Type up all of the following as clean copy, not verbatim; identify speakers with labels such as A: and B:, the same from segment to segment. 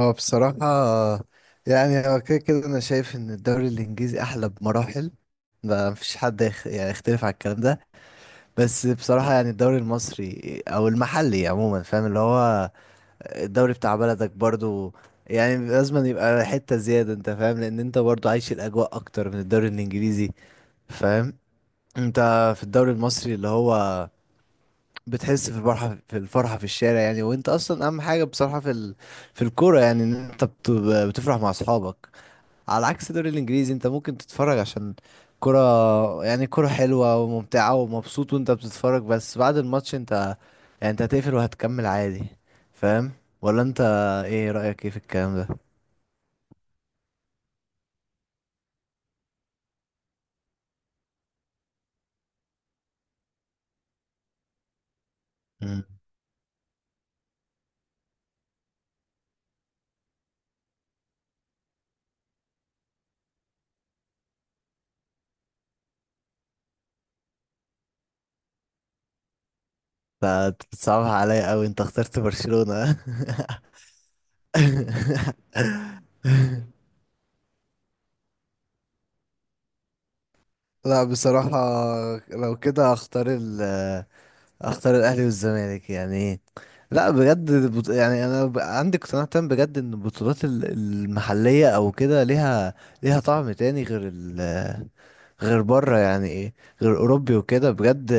A: هو بصراحة يعني هو كده كده أنا شايف إن الدوري الإنجليزي أحلى بمراحل. ما مفيش حد يعني يختلف على الكلام ده. بس بصراحة يعني الدوري المصري أو المحلي عموما، فاهم؟ اللي هو الدوري بتاع بلدك برضو. يعني لازم يبقى حتة زيادة، أنت فاهم، لأن أنت برضو عايش الأجواء أكتر من الدوري الإنجليزي. فاهم؟ أنت في الدوري المصري اللي هو بتحس في الفرحة في الشارع، يعني. وأنت أصلا أهم حاجة بصراحة في الكورة، يعني إن أنت بتفرح مع أصحابك. على عكس الدوري الانجليزي، انت ممكن تتفرج عشان كرة، يعني كرة حلوة وممتعة ومبسوط وانت بتتفرج. بس بعد الماتش انت يعني انت هتقفل وهتكمل عادي. فاهم؟ ولا انت؟ ايه رأيك ايه في الكلام ده؟ مم. انت بتصعبها عليا قوي، انت اخترت برشلونة. لا بصراحة، لو كده هختار اختار الاهلي والزمالك، يعني. لا بجد يعني عندي اقتناع تام بجد ان البطولات المحليه او كده، ليها طعم تاني غير غير بره، يعني ايه، غير اوروبي وكده بجد.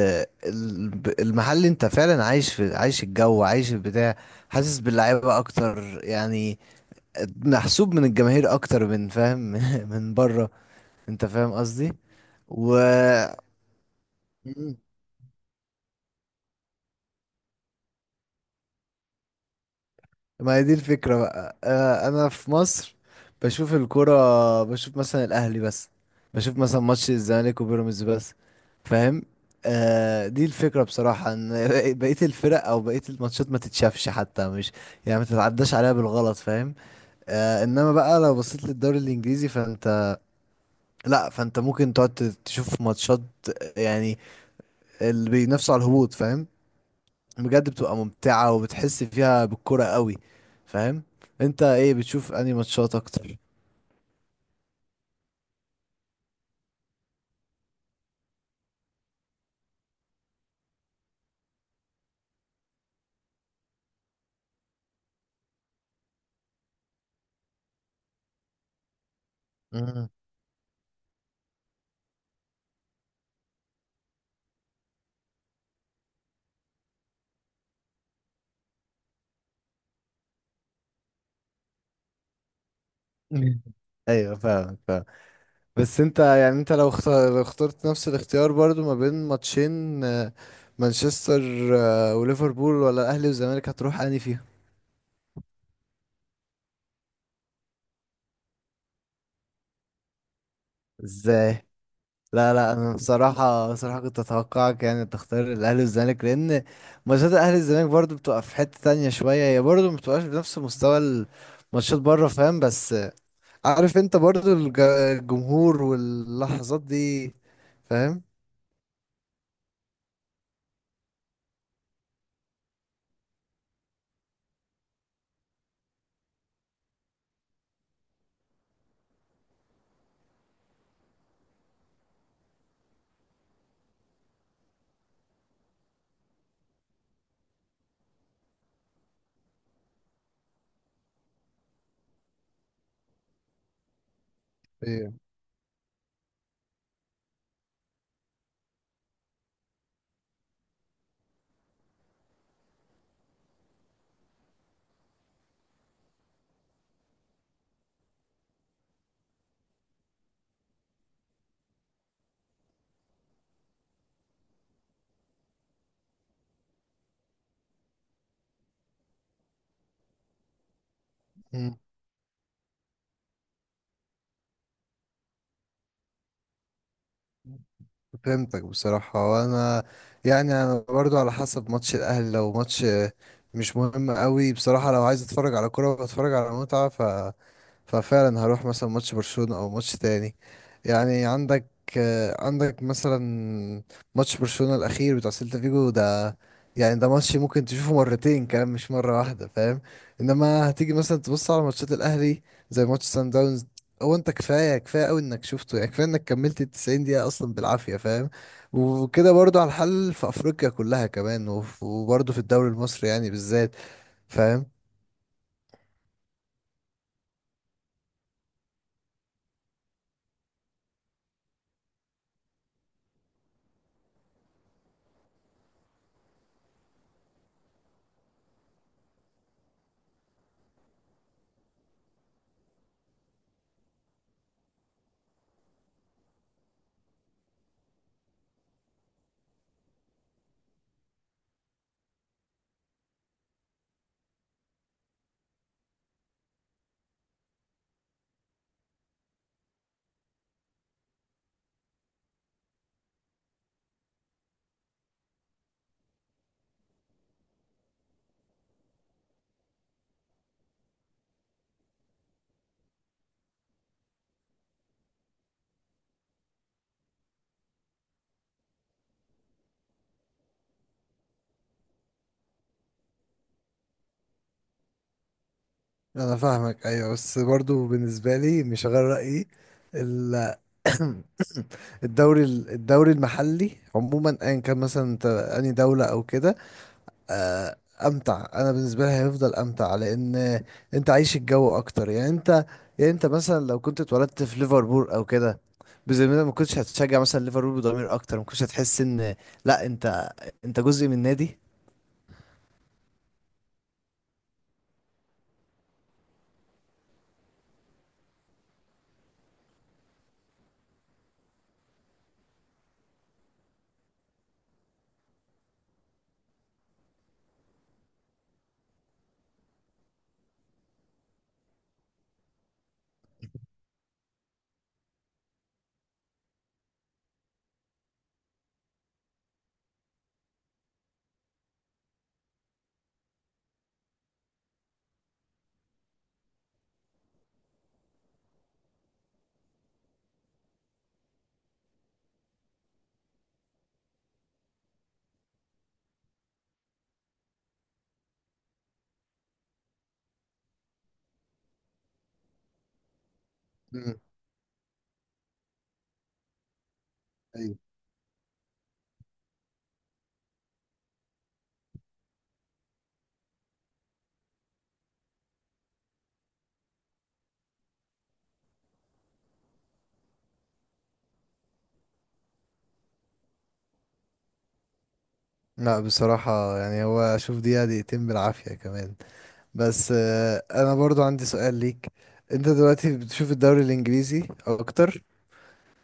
A: المحلي انت فعلا عايش عايش الجو، عايش البتاع. حاسس باللعيبه اكتر، يعني محسوب من الجماهير اكتر من، فاهم؟ من بره. انت فاهم قصدي؟ و. مم. ما هي دي الفكرة بقى. أنا في مصر بشوف الكرة، بشوف مثلا الأهلي بس، بشوف مثلا ماتش الزمالك وبيراميدز بس. فاهم؟ آه، دي الفكرة بصراحة إن بقية الفرق أو بقية الماتشات ما تتشافش حتى، مش يعني ما تتعداش عليها بالغلط. فاهم؟ آه، إنما بقى لو بصيت للدوري الإنجليزي فأنت، لأ، فأنت ممكن تقعد تشوف ماتشات، يعني اللي بينافسوا على الهبوط. فاهم؟ بجد بتبقى ممتعة وبتحس فيها بالكرة قوي. فاهم؟ انت ايه بتشوف انهي ماتشات اكتر؟ مم. ايوه، فاهم فاهم. بس انت يعني انت لو لو اخترت نفس الاختيار برضو ما بين ماتشين، مانشستر وليفربول، ولا الاهلي والزمالك، هتروح انهي فيهم؟ ازاي؟ لا لا، انا بصراحه، كنت اتوقعك يعني تختار الاهلي والزمالك، لان ماتشات الاهلي والزمالك برضو بتبقى في حته تانية شويه، هي برضو ما بتبقاش بنفس مستوى الماتشات بره. فاهم؟ بس عارف انت برضو الجمهور واللحظات دي. فاهم؟ ايه. مم. فهمتك بصراحة، وانا يعني انا برضو على حسب ماتش الاهلي، لو ماتش مش مهم قوي بصراحة، لو عايز اتفرج على كرة واتفرج على متعة، ففعلا هروح مثلا ماتش برشلونة او ماتش تاني، يعني. عندك مثلا ماتش برشلونة الاخير بتاع سيلتا فيجو ده. يعني ده ماتش ممكن تشوفه مرتين كمان، مش مرة واحدة. فاهم؟ انما هتيجي مثلا تبص على ماتشات الاهلي زي ماتش سان داونز. هو انت كفاية كفاية قوي انك شفته، يعني كفاية انك كملت 90 دقيقة اصلا بالعافية. فاهم؟ وكده برضو على الحل في افريقيا كلها كمان، وبرضو في الدوري المصري، يعني بالذات. فاهم؟ انا فاهمك، ايوه، بس برضو بالنسبه لي مش غير رايي، ال- الدوري المحلي عموما ايا كان مثلا، انت اني دوله او كده، آه، امتع. انا بالنسبه لي هيفضل امتع، لان انت عايش الجو اكتر، يعني انت. يعني انت مثلا لو كنت اتولدت في ليفربول او كده، بذمتك ما كنتش هتشجع مثلا ليفربول بضمير اكتر، ما كنتش هتحس ان، لا انت، انت جزء من نادي. مم، ايوه. لا بصراحه يعني هو اشوف دقيقه دقيقتين بالعافيه كمان. بس انا برضو عندي سؤال ليك. انت دلوقتي بتشوف الدوري الانجليزي اكتر،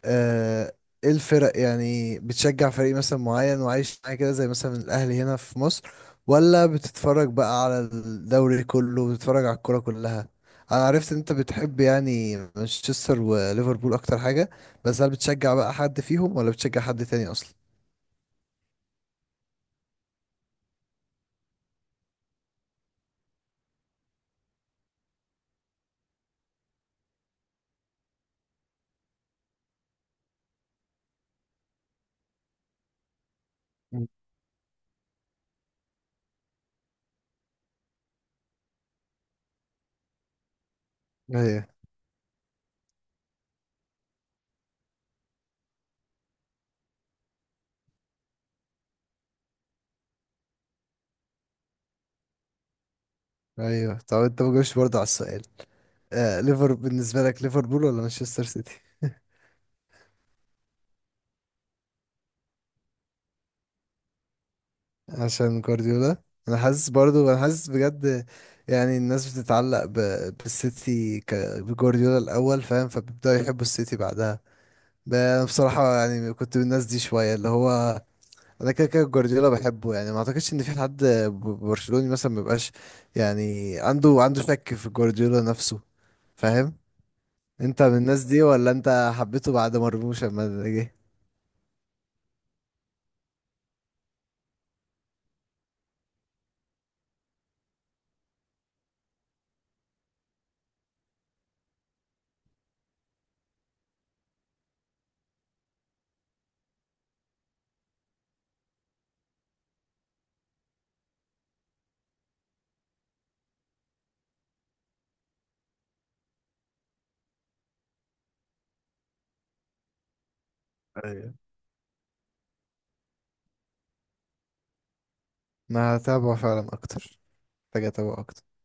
A: آه، ايه الفرق؟ يعني بتشجع فريق مثلا معين وعايش معاه كده زي مثلا الاهلي هنا في مصر، ولا بتتفرج بقى على الدوري كله، بتتفرج على الكرة كلها؟ انا عرفت ان انت بتحب يعني مانشستر وليفربول اكتر حاجة. بس هل بتشجع بقى حد فيهم، ولا بتشجع حد تاني اصلا؟ مم. ايوه ايوه. طب انت ما جاوبتش برضه على السؤال، آه، ليفر بالنسبة لك ليفربول ولا مانشستر سيتي؟ عشان جوارديولا. انا حاسس برضو، انا حاسس بجد، يعني الناس بتتعلق بالسيتي بجوارديولا الاول. فاهم؟ فبيبداوا يحبوا السيتي بعدها. انا بصراحه يعني كنت من الناس دي شويه، اللي هو انا كده كده جوارديولا بحبه، يعني ما اعتقدش ان في حد برشلوني مثلا ما يبقاش، يعني عنده شك في جوارديولا نفسه. فاهم؟ انت من الناس دي، ولا انت حبيته بعد مرموش لما جه؟ ايوه، انا هتابعه فعلا اكتر. محتاج اتابعه اكتر.